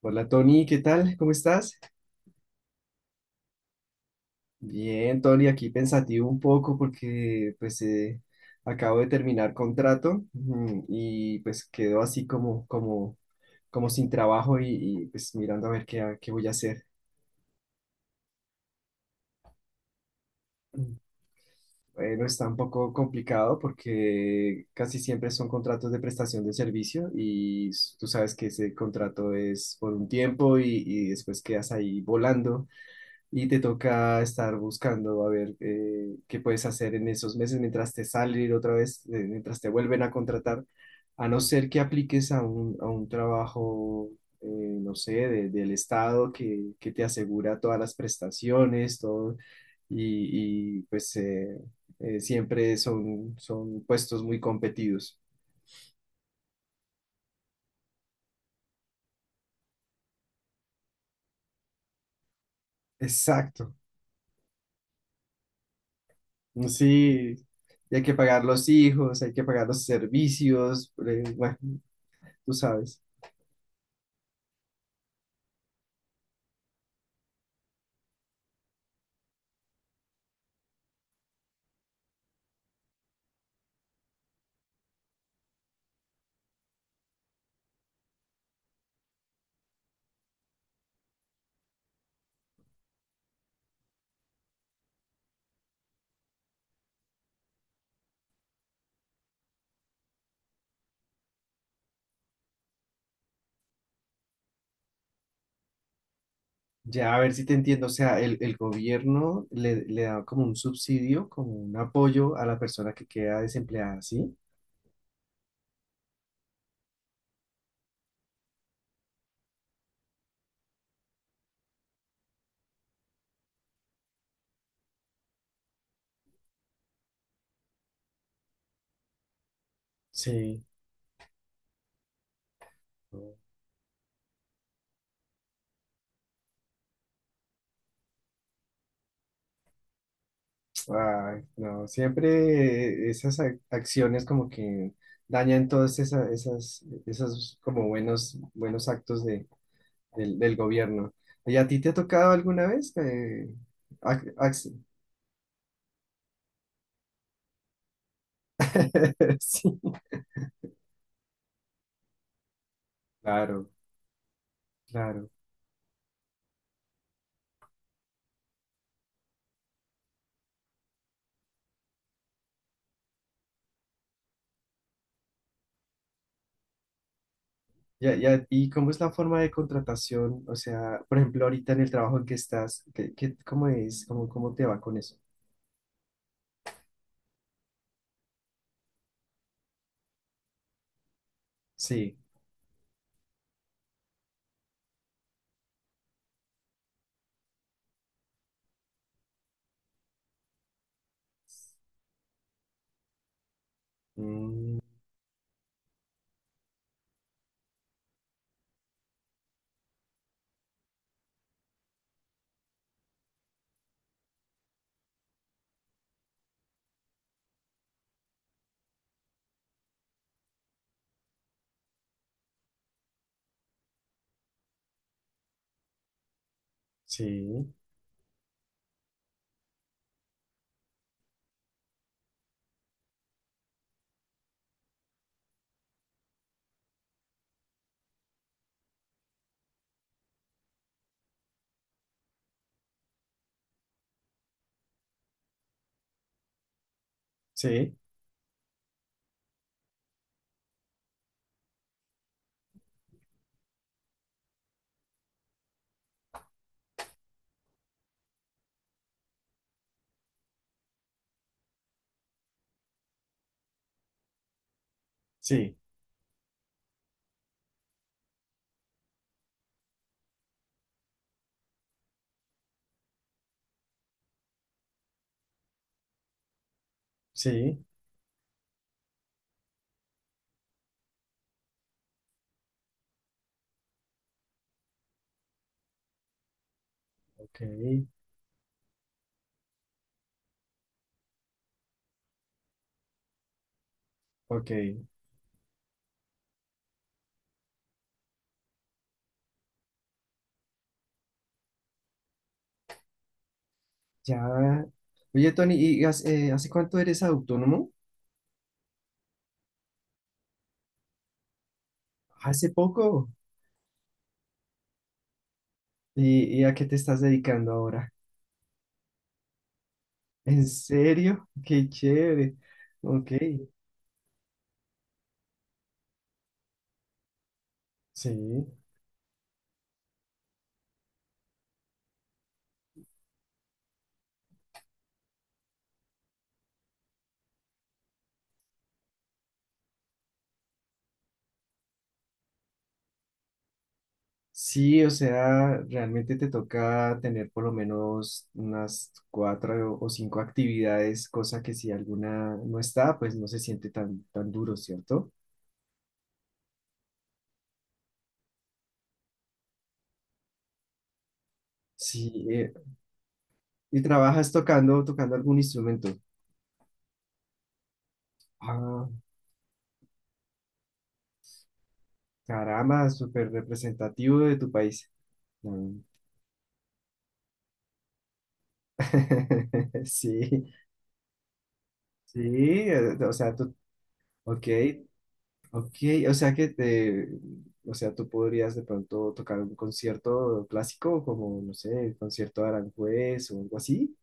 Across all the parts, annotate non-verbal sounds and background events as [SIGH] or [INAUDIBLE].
Hola Tony, ¿qué tal? ¿Cómo estás? Bien, Tony, aquí pensativo un poco porque pues acabo de terminar contrato, ujú, y pues quedo así como sin trabajo y, pues mirando a ver qué voy a hacer. Mm. Bueno, está un poco complicado porque casi siempre son contratos de prestación de servicio y tú sabes que ese contrato es por un tiempo y después quedas ahí volando y te toca estar buscando a ver qué puedes hacer en esos meses mientras te salen otra vez, mientras te vuelven a contratar, a no ser que apliques a un trabajo, eh, no sé, del Estado que te asegura todas las prestaciones, todo, y, pues siempre son puestos muy competidos. Exacto, sí. Y hay que pagar los hijos, hay que pagar los servicios, bueno, tú sabes. Ya, a ver si te entiendo. O sea, el gobierno le da como un subsidio, como un apoyo a la persona que queda desempleada, ¿sí? Sí. Ay, no, siempre esas acciones como que dañan todas esas, buenos actos de, del gobierno. ¿Y a ti te ha tocado alguna vez? Ac- ac- [LAUGHS] sí, claro, claro. Ya, ya, ¿y cómo es la forma de contratación? O sea, por ejemplo, ahorita en el trabajo en que estás, cómo es? ¿Cómo, cómo te va con eso? Sí, mm, sí, sí, sí, sí, ok, ok. Ya. Oye, Tony, ¿hace cuánto eres autónomo? Hace poco. Y a qué te estás dedicando ahora? ¿En serio? Qué chévere. Ok, sí. Sí, o sea, realmente te toca tener por lo menos unas cuatro o cinco actividades, cosa que si alguna no está, pues no se siente tan duro, ¿cierto? Sí, y trabajas tocando, tocando algún instrumento. Ah, caramba, súper representativo de tu país. Mm. [LAUGHS] Sí, sí, ok. Ok, o sea que o sea, tú podrías de pronto tocar un concierto clásico como, no sé, el concierto de Aranjuez o algo así.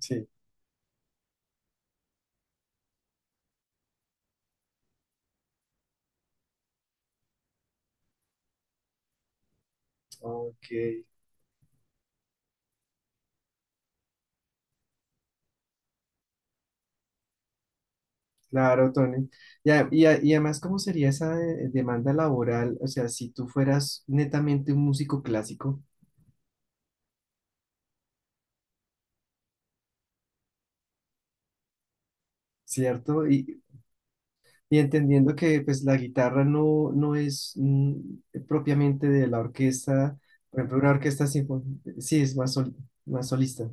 Sí. Ok, claro, Tony. Ya, y además, ¿cómo sería esa demanda laboral? O sea, si tú fueras netamente un músico clásico, ¿cierto? Y entendiendo que pues la guitarra no es mm, propiamente de la orquesta, por ejemplo, una orquesta sinfónica, sí, es más, más solista.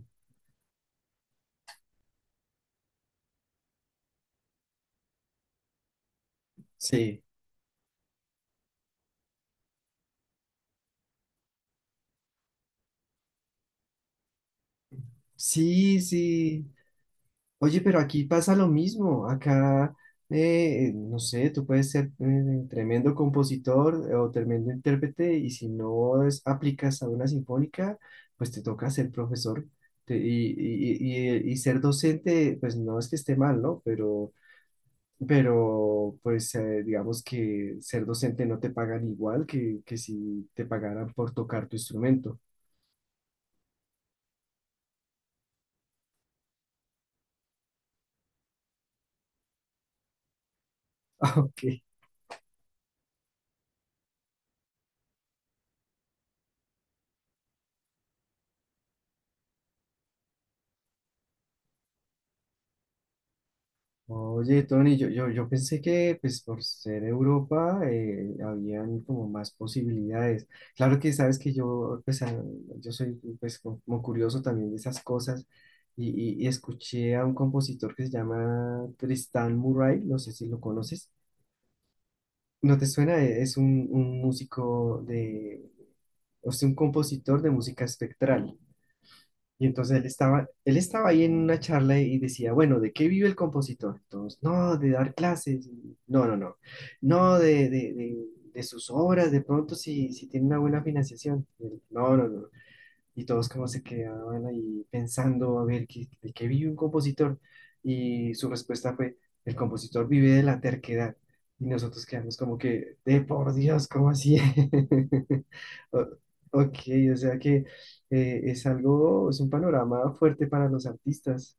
Sí. Sí, sí. Oye, pero aquí pasa lo mismo. Acá, no sé, tú puedes ser tremendo compositor o tremendo intérprete y si no aplicas a una sinfónica, pues te toca ser profesor y y ser docente, pues no es que esté mal, ¿no? Pero pues digamos que ser docente no te pagan igual que si te pagaran por tocar tu instrumento. [LAUGHS] Ok. Oye, Tony, yo pensé que pues por ser Europa habían como más posibilidades. Claro que sabes que yo pues yo soy pues como curioso también de esas cosas y, y y escuché a un compositor que se llama Tristan Murray, no sé si lo conoces. ¿No te suena? Es un músico de, o sea, un compositor de música espectral. Y entonces él estaba ahí en una charla y decía, bueno, ¿de qué vive el compositor? Entonces, no, de dar clases, no, de sus obras, de pronto si tiene una buena financiación. Y él, no, no, no, y todos como se quedaban ahí pensando a ver ¿de qué vive un compositor y su respuesta fue, el compositor vive de la terquedad y nosotros quedamos como que, de por Dios, ¿cómo así? [LAUGHS] O- ok, o sea que es algo, es un panorama fuerte para los artistas.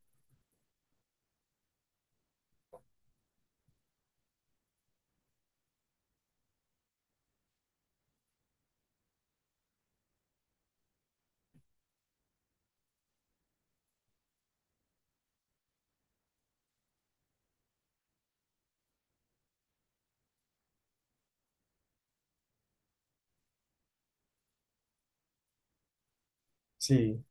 Sí,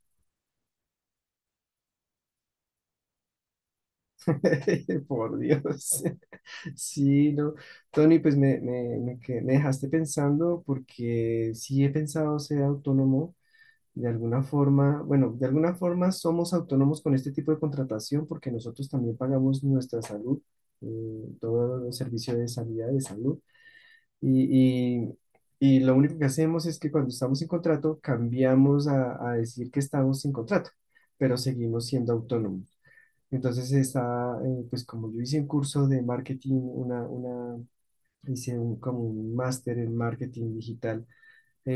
[LAUGHS] por Dios. Sí, no. Tony, pues me dejaste pensando porque sí he pensado ser autónomo. De alguna forma, bueno, de alguna forma somos autónomos con este tipo de contratación porque nosotros también pagamos nuestra salud, eh, todo el servicio de salud. Y, y- y lo único que hacemos es que cuando estamos sin contrato, cambiamos a decir que estamos sin contrato, pero seguimos siendo autónomos. Entonces está, pues como yo hice un curso de marketing, hice un, como un máster en marketing digital, eh,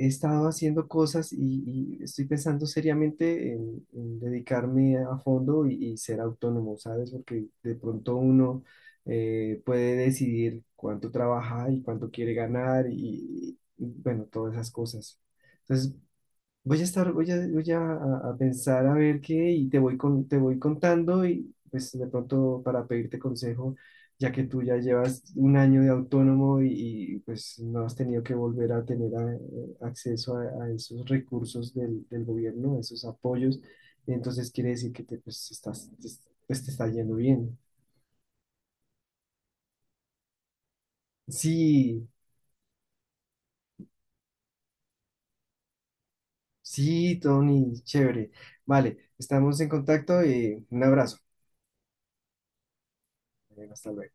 he estado haciendo cosas y estoy pensando seriamente en dedicarme a fondo y ser autónomo, ¿sabes? Porque de pronto uno puede decidir cuánto trabaja y cuánto quiere ganar y, bueno, todas esas cosas. Entonces, voy a pensar a ver qué y te voy te voy contando y pues de pronto para pedirte consejo, ya que tú ya llevas un año de autónomo y, pues no has tenido que volver a tener acceso a esos recursos del gobierno, a esos apoyos, entonces quiere decir que te, pues, estás, te- pues, te está yendo bien. Sí, sí, Tony, chévere. Vale, estamos en contacto y un abrazo. Hasta luego.